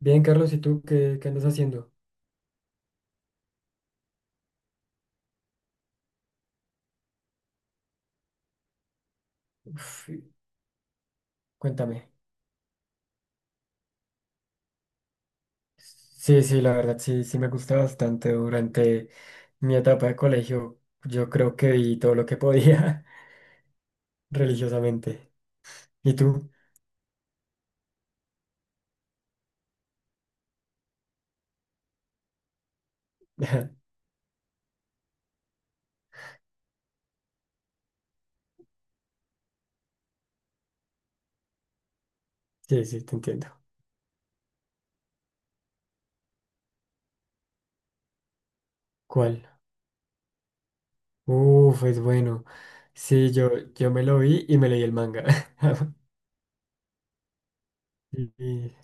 Bien, Carlos, ¿y tú qué, qué andas haciendo? Uf, cuéntame. Sí, la verdad, sí, me gusta bastante. Durante mi etapa de colegio, yo creo que vi todo lo que podía religiosamente. ¿Y tú? Sí, sí, te entiendo. ¿Cuál? Uf, es bueno. Sí, yo me lo vi y me leí el manga. Y- y-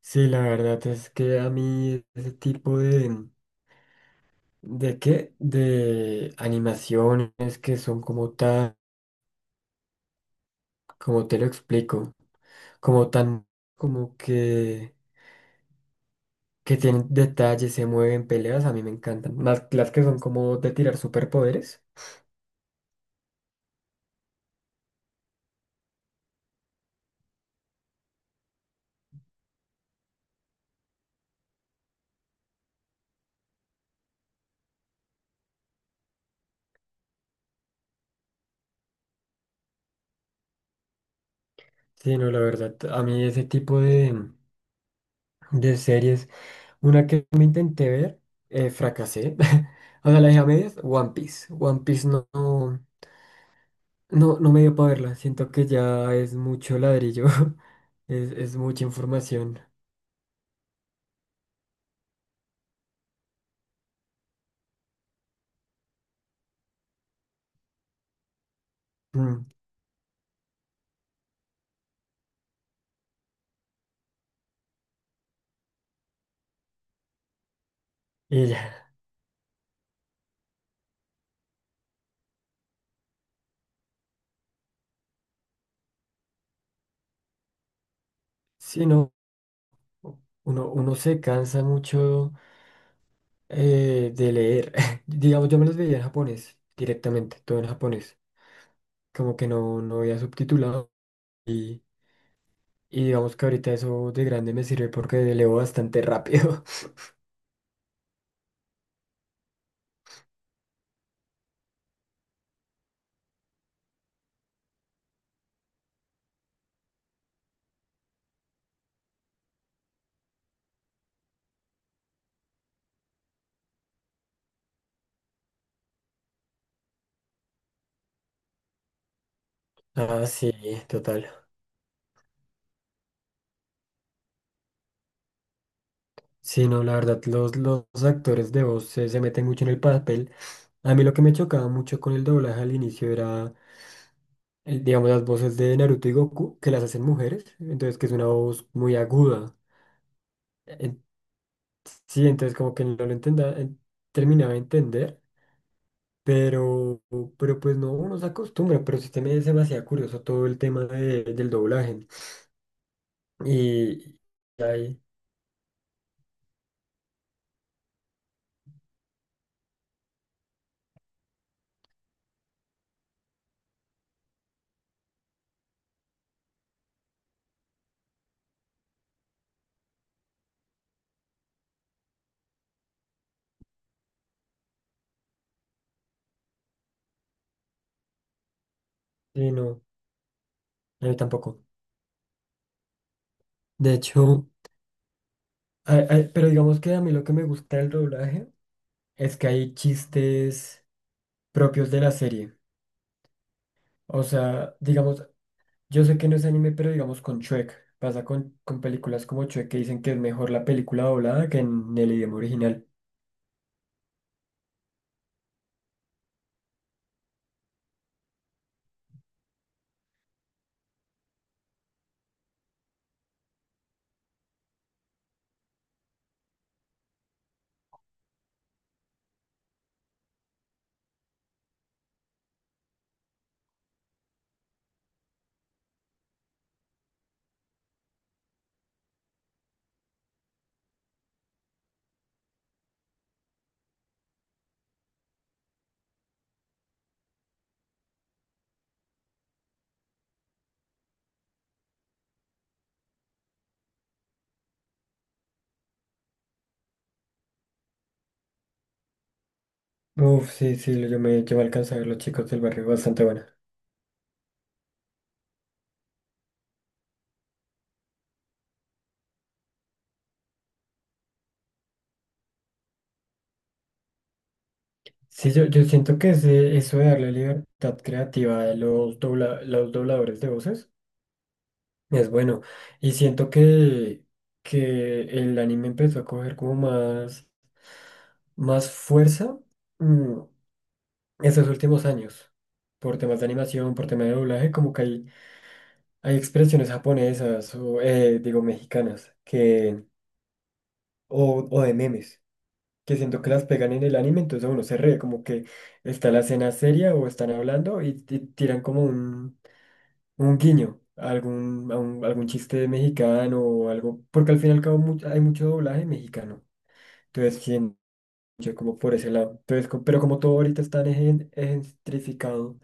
sí, la verdad es que a mí ese tipo de... ¿De qué? De animaciones que son como tan... ¿Cómo te lo explico? Como tan, como que, que tienen detalles, se mueven, peleas, a mí me encantan. Más las que son como de tirar superpoderes. Sí, no, la verdad, a mí ese tipo de series, una que me intenté ver, fracasé. O sea, la dejé a medias, One Piece. No me dio para verla. Siento que ya es mucho ladrillo, es mucha información. Mm, Y ya, sí, no, uno se cansa mucho de leer. Digamos, yo me los veía en japonés, directamente, todo en japonés. Como que no había subtitulado. Y, y digamos que ahorita eso de grande me sirve porque leo bastante rápido. Ah, sí, total. Sí, no, la verdad, los actores de voz se meten mucho en el papel. A mí lo que me chocaba mucho con el doblaje al inicio era, digamos, las voces de Naruto y Goku, que las hacen mujeres, entonces que es una voz muy aguda. En- sí, entonces como que no lo entendía, terminaba de entender. Pero, pero pues no, uno se acostumbra, pero sí también es demasiado curioso todo el tema del doblaje. Y, y ahí, sí, no, a mí tampoco. De hecho, ay, pero digamos que a mí lo que me gusta del doblaje es que hay chistes propios de la serie. O sea, digamos, yo sé que no es anime, pero digamos con Shrek. Pasa con películas como Shrek que dicen que es mejor la película doblada que en el idioma original. Uf, sí, sí, yo me alcancé a ver los chicos del barrio, bastante buena. Sí, yo siento que eso de darle libertad creativa a los dobladores de voces es bueno. Y siento que el anime empezó a coger como más, más fuerza mm, esos últimos años. Por temas de animación, por temas de doblaje, como que hay expresiones japonesas o, digo, mexicanas que, o de memes, que siento que las pegan en el anime, entonces uno se ríe, como que está la escena seria o están hablando y tiran como un guiño a algún, algún chiste mexicano o algo, porque al fin y al cabo hay mucho doblaje mexicano. Entonces, sí, como por ese lado. Entonces, pero como todo ahorita está gentrificado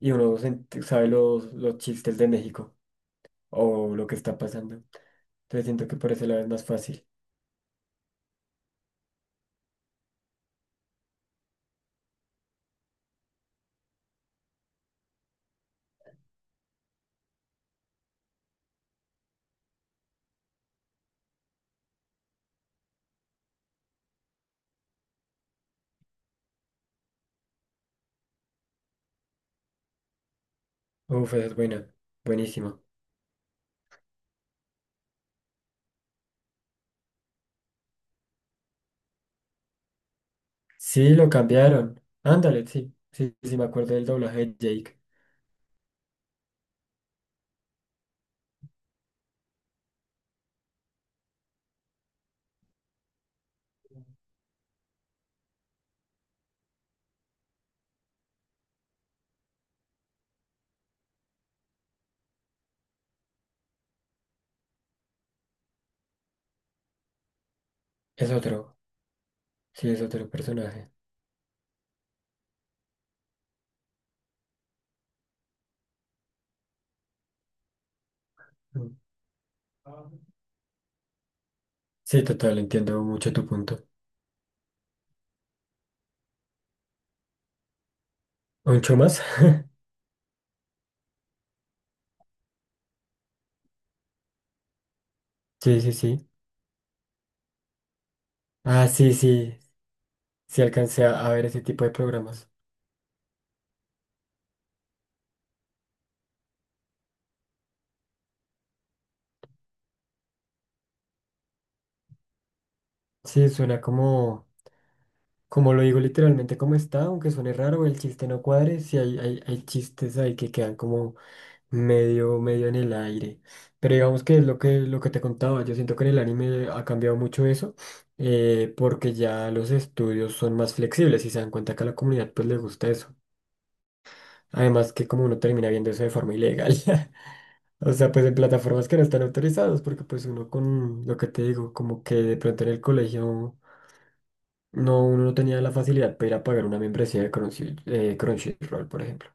y uno sabe los chistes de México o lo que está pasando. Entonces siento que por ese lado es más fácil. Uf, esa es buena. Buenísimo. Sí, lo cambiaron. Ándale, sí. Sí, sí, me acuerdo del doblaje de Jake. Es otro. Sí, es otro personaje. Mm. Sí, total, entiendo mucho tu punto. ¿Mucho más? Sí, sí, sí. Ah, sí, sí, sí alcancé a ver ese tipo de programas. Sí, suena como, como lo digo literalmente como está, aunque suene raro, el chiste no cuadre, sí hay chistes ahí que quedan como medio, medio en el aire. Pero digamos que es lo que te contaba, yo siento que en el anime ha cambiado mucho eso, porque ya los estudios son más flexibles y se dan cuenta que a la comunidad pues le gusta eso. Además que como uno termina viendo eso de forma ilegal. O sea, pues en plataformas que no están autorizadas, porque pues uno con lo que te digo, como que de pronto en el colegio no, uno no tenía la facilidad para ir a pagar una membresía de Crunchyroll, por ejemplo,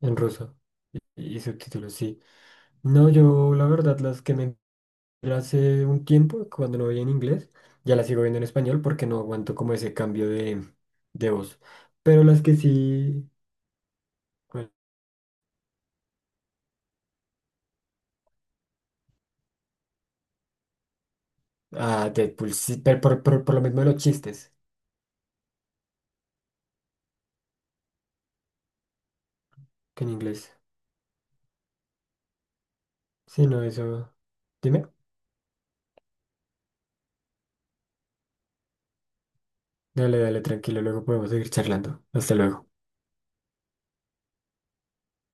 en ruso, y subtítulos, sí. No, yo la verdad las que me entré hace un tiempo, cuando no veía en inglés, ya las sigo viendo en español porque no aguanto como ese cambio de voz. Pero las que sí... ¿cuál? Ah, Deadpool, sí, pero por lo mismo de los chistes que en inglés. Sí, no, eso... Dime. Dale, dale, tranquilo, luego podemos seguir charlando. Hasta luego.